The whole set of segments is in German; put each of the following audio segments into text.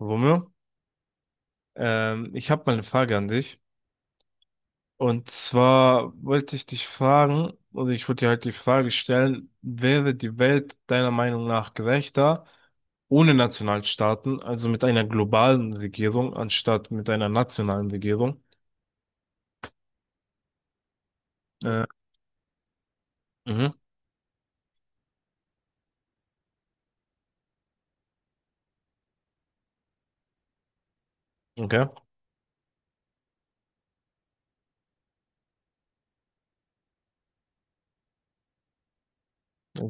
Romeo, ich habe mal eine Frage an dich. Und zwar wollte ich dich fragen, oder ich wollte dir halt die Frage stellen, wäre die Welt deiner Meinung nach gerechter ohne Nationalstaaten, also mit einer globalen Regierung anstatt mit einer nationalen Regierung? Äh, mhm, okay.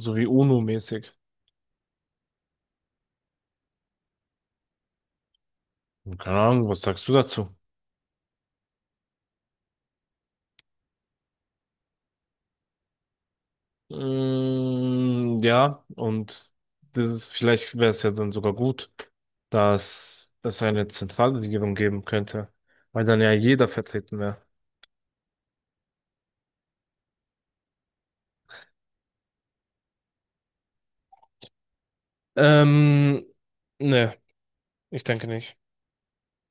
So wie UNO-mäßig. Keine Ahnung, was sagst du dazu? Mm, ja, und vielleicht wäre es ja dann sogar gut, dass es eine zentrale Regierung geben könnte, weil dann ja jeder vertreten wäre. Ähm, ne, ich denke nicht.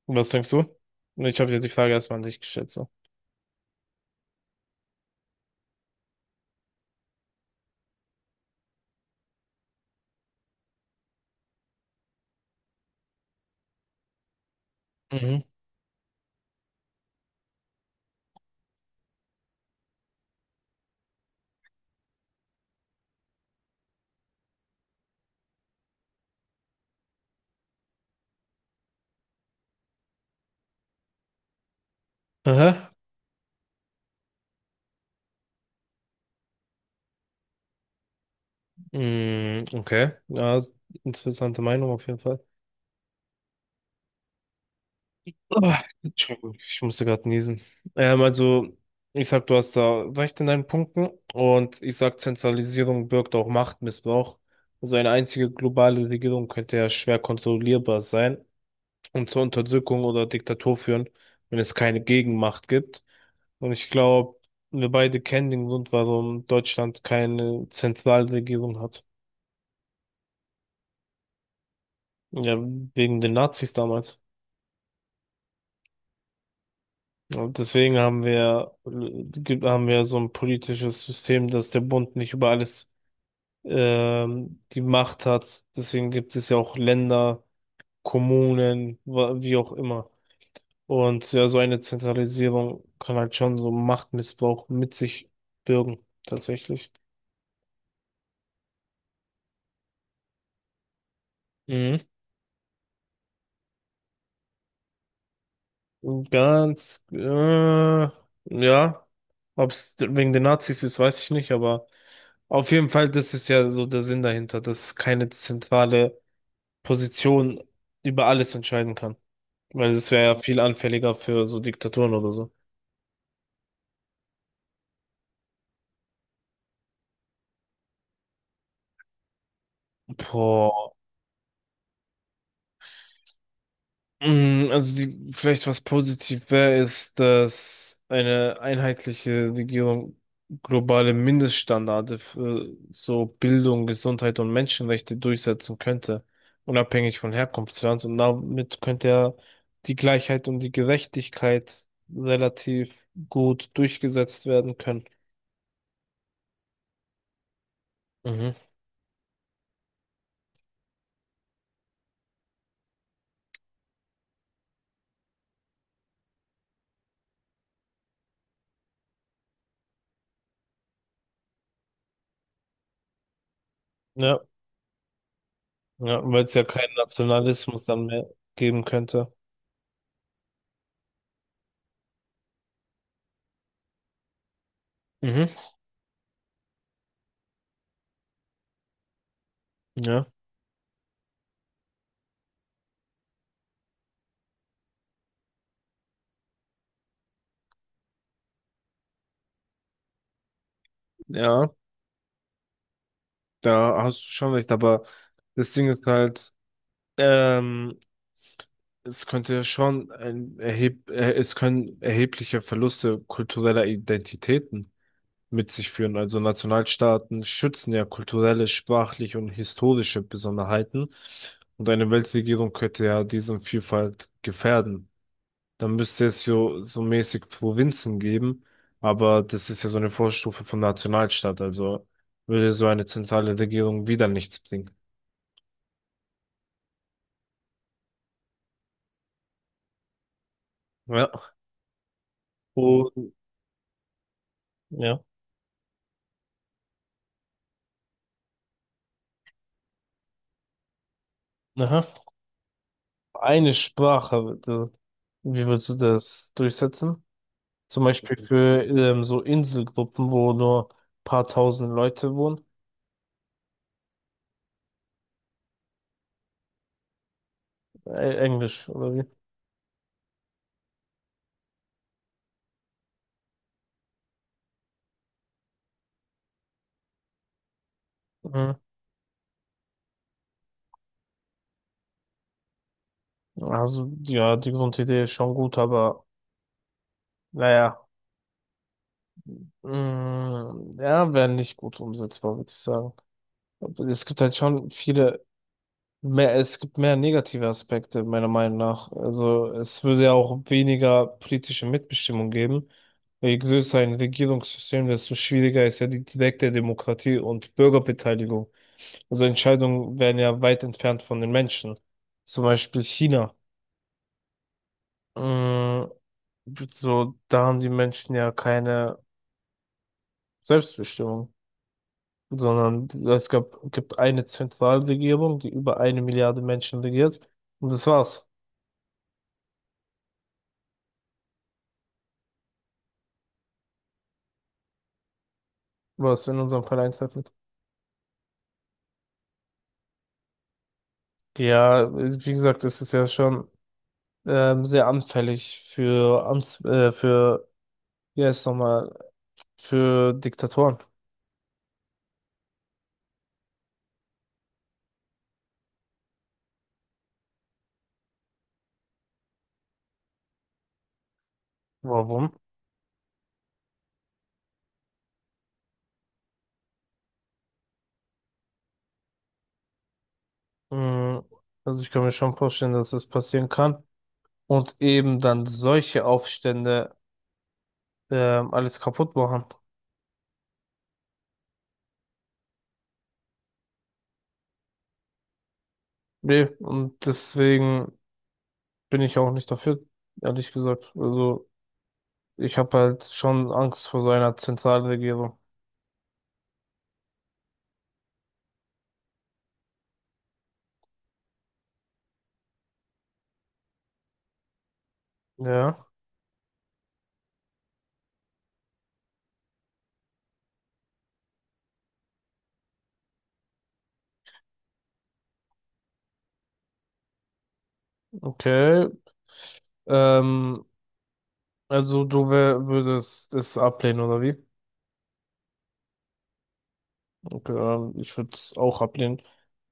Was denkst du? Ich habe dir die Frage erstmal an dich gestellt, so. Mhm. Aha. Mm, okay. Ja, interessante Meinung auf jeden Fall. Ah, Entschuldigung, ich musste gerade niesen. Also, ich sag, du hast da recht in deinen Punkten und ich sag, Zentralisierung birgt auch Machtmissbrauch. Also eine einzige globale Regierung könnte ja schwer kontrollierbar sein und zur Unterdrückung oder Diktatur führen, wenn es keine Gegenmacht gibt. Und ich glaube, wir beide kennen den Grund, warum Deutschland keine Zentralregierung hat. Ja, wegen den Nazis damals. Und deswegen haben wir, haben wir so ein politisches System, dass der Bund nicht über alles die Macht hat. Deswegen gibt es ja auch Länder, Kommunen, wie auch immer. Und ja, so eine Zentralisierung kann halt schon so Machtmissbrauch mit sich bürgen, tatsächlich. Mhm. Und ja, ob es wegen den Nazis ist, weiß ich nicht, aber auf jeden Fall, das ist ja so der Sinn dahinter, dass es keine zentrale Position über alles entscheiden kann. Weil es wäre ja viel anfälliger für so Diktaturen oder so. Boah. Mm, also die, vielleicht was positiv wäre, ist, dass eine einheitliche Regierung globale Mindeststandards für so Bildung, Gesundheit und Menschenrechte durchsetzen könnte, unabhängig von Herkunftsland. Und damit könnte ja die Gleichheit und die Gerechtigkeit relativ gut durchgesetzt werden können. Mhm. Ja. Ja, weil es ja keinen Nationalismus dann mehr geben könnte. Mhm. Ja, ja, da hast du schon recht, aber das Ding ist halt, ähm, es könnte ja schon ein erheb es können erhebliche Verluste kultureller Identitäten mit sich führen. Also Nationalstaaten schützen ja kulturelle, sprachliche und historische Besonderheiten und eine Weltregierung könnte ja diesen Vielfalt gefährden. Dann müsste es so, so mäßig Provinzen geben, aber das ist ja so eine Vorstufe von Nationalstaat, also würde so eine zentrale Regierung wieder nichts bringen. Ja. Und, ja, aha. Eine Sprache, wie würdest du das durchsetzen? Zum Beispiel für so Inselgruppen, wo nur paar tausend Leute wohnen. Englisch, oder wie? Mhm. Also, ja, die Grundidee ist schon gut, aber naja, mh, ja, wäre nicht gut umsetzbar, würde ich sagen. Und es gibt halt schon es gibt mehr negative Aspekte, meiner Meinung nach. Also es würde ja auch weniger politische Mitbestimmung geben. Je größer ein Regierungssystem, desto schwieriger ist ja die direkte Demokratie und Bürgerbeteiligung. Also Entscheidungen werden ja weit entfernt von den Menschen. Zum Beispiel China. Mm, so, da haben die Menschen ja keine Selbstbestimmung, sondern gibt eine Zentralregierung, die über eine Milliarde Menschen regiert. Und das war's, was in unserem Fall eintreffend. Ja, wie gesagt, es ist ja schon sehr anfällig für für, wie heißt es nochmal, für Diktatoren. Warum? Mm, also ich kann mir schon vorstellen, dass das passieren kann. Und eben dann solche Aufstände alles kaputt machen. Nee, und deswegen bin ich auch nicht dafür, ehrlich gesagt. Also ich habe halt schon Angst vor so einer Zentralregierung. Ja, okay. Ähm, würdest es ablehnen, oder wie? Okay, ich würde es auch ablehnen.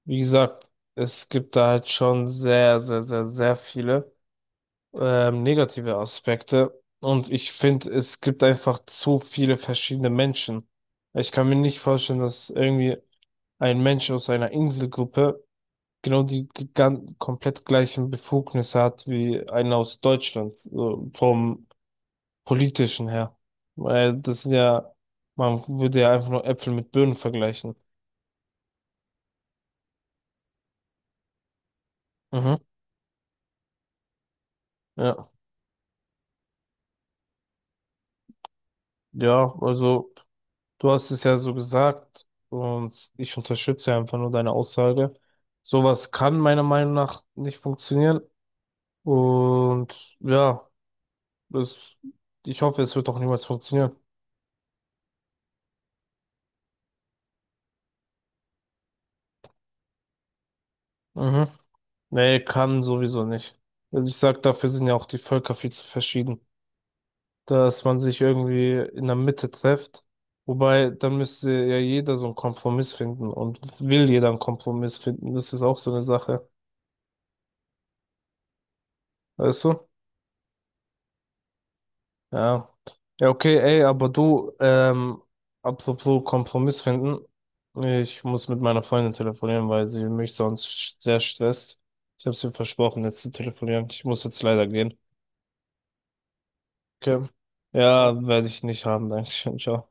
Wie gesagt, es gibt da halt schon sehr, sehr, sehr, sehr viele negative Aspekte. Und ich finde, es gibt einfach zu viele verschiedene Menschen. Ich kann mir nicht vorstellen, dass irgendwie ein Mensch aus einer Inselgruppe genau die komplett gleichen Befugnisse hat wie einer aus Deutschland, so vom politischen her. Weil das sind ja, man würde ja einfach nur Äpfel mit Birnen vergleichen. Mhm. Ja. Ja, also du hast es ja so gesagt und ich unterstütze einfach nur deine Aussage. Sowas kann meiner Meinung nach nicht funktionieren und ja, das, ich hoffe, es wird auch niemals funktionieren. Mhm. Nee, kann sowieso nicht. Also ich sag, dafür sind ja auch die Völker viel zu verschieden, dass man sich irgendwie in der Mitte trifft. Wobei, dann müsste ja jeder so einen Kompromiss finden und will jeder einen Kompromiss finden. Das ist auch so eine Sache. Weißt du? Ja. Ja, okay, ey, aber du, apropos Kompromiss finden. Ich muss mit meiner Freundin telefonieren, weil sie mich sonst sehr stresst. Ich habe ihr versprochen, jetzt zu telefonieren. Ich muss jetzt leider gehen. Okay. Ja, werde ich nicht haben. Dankeschön. Ciao.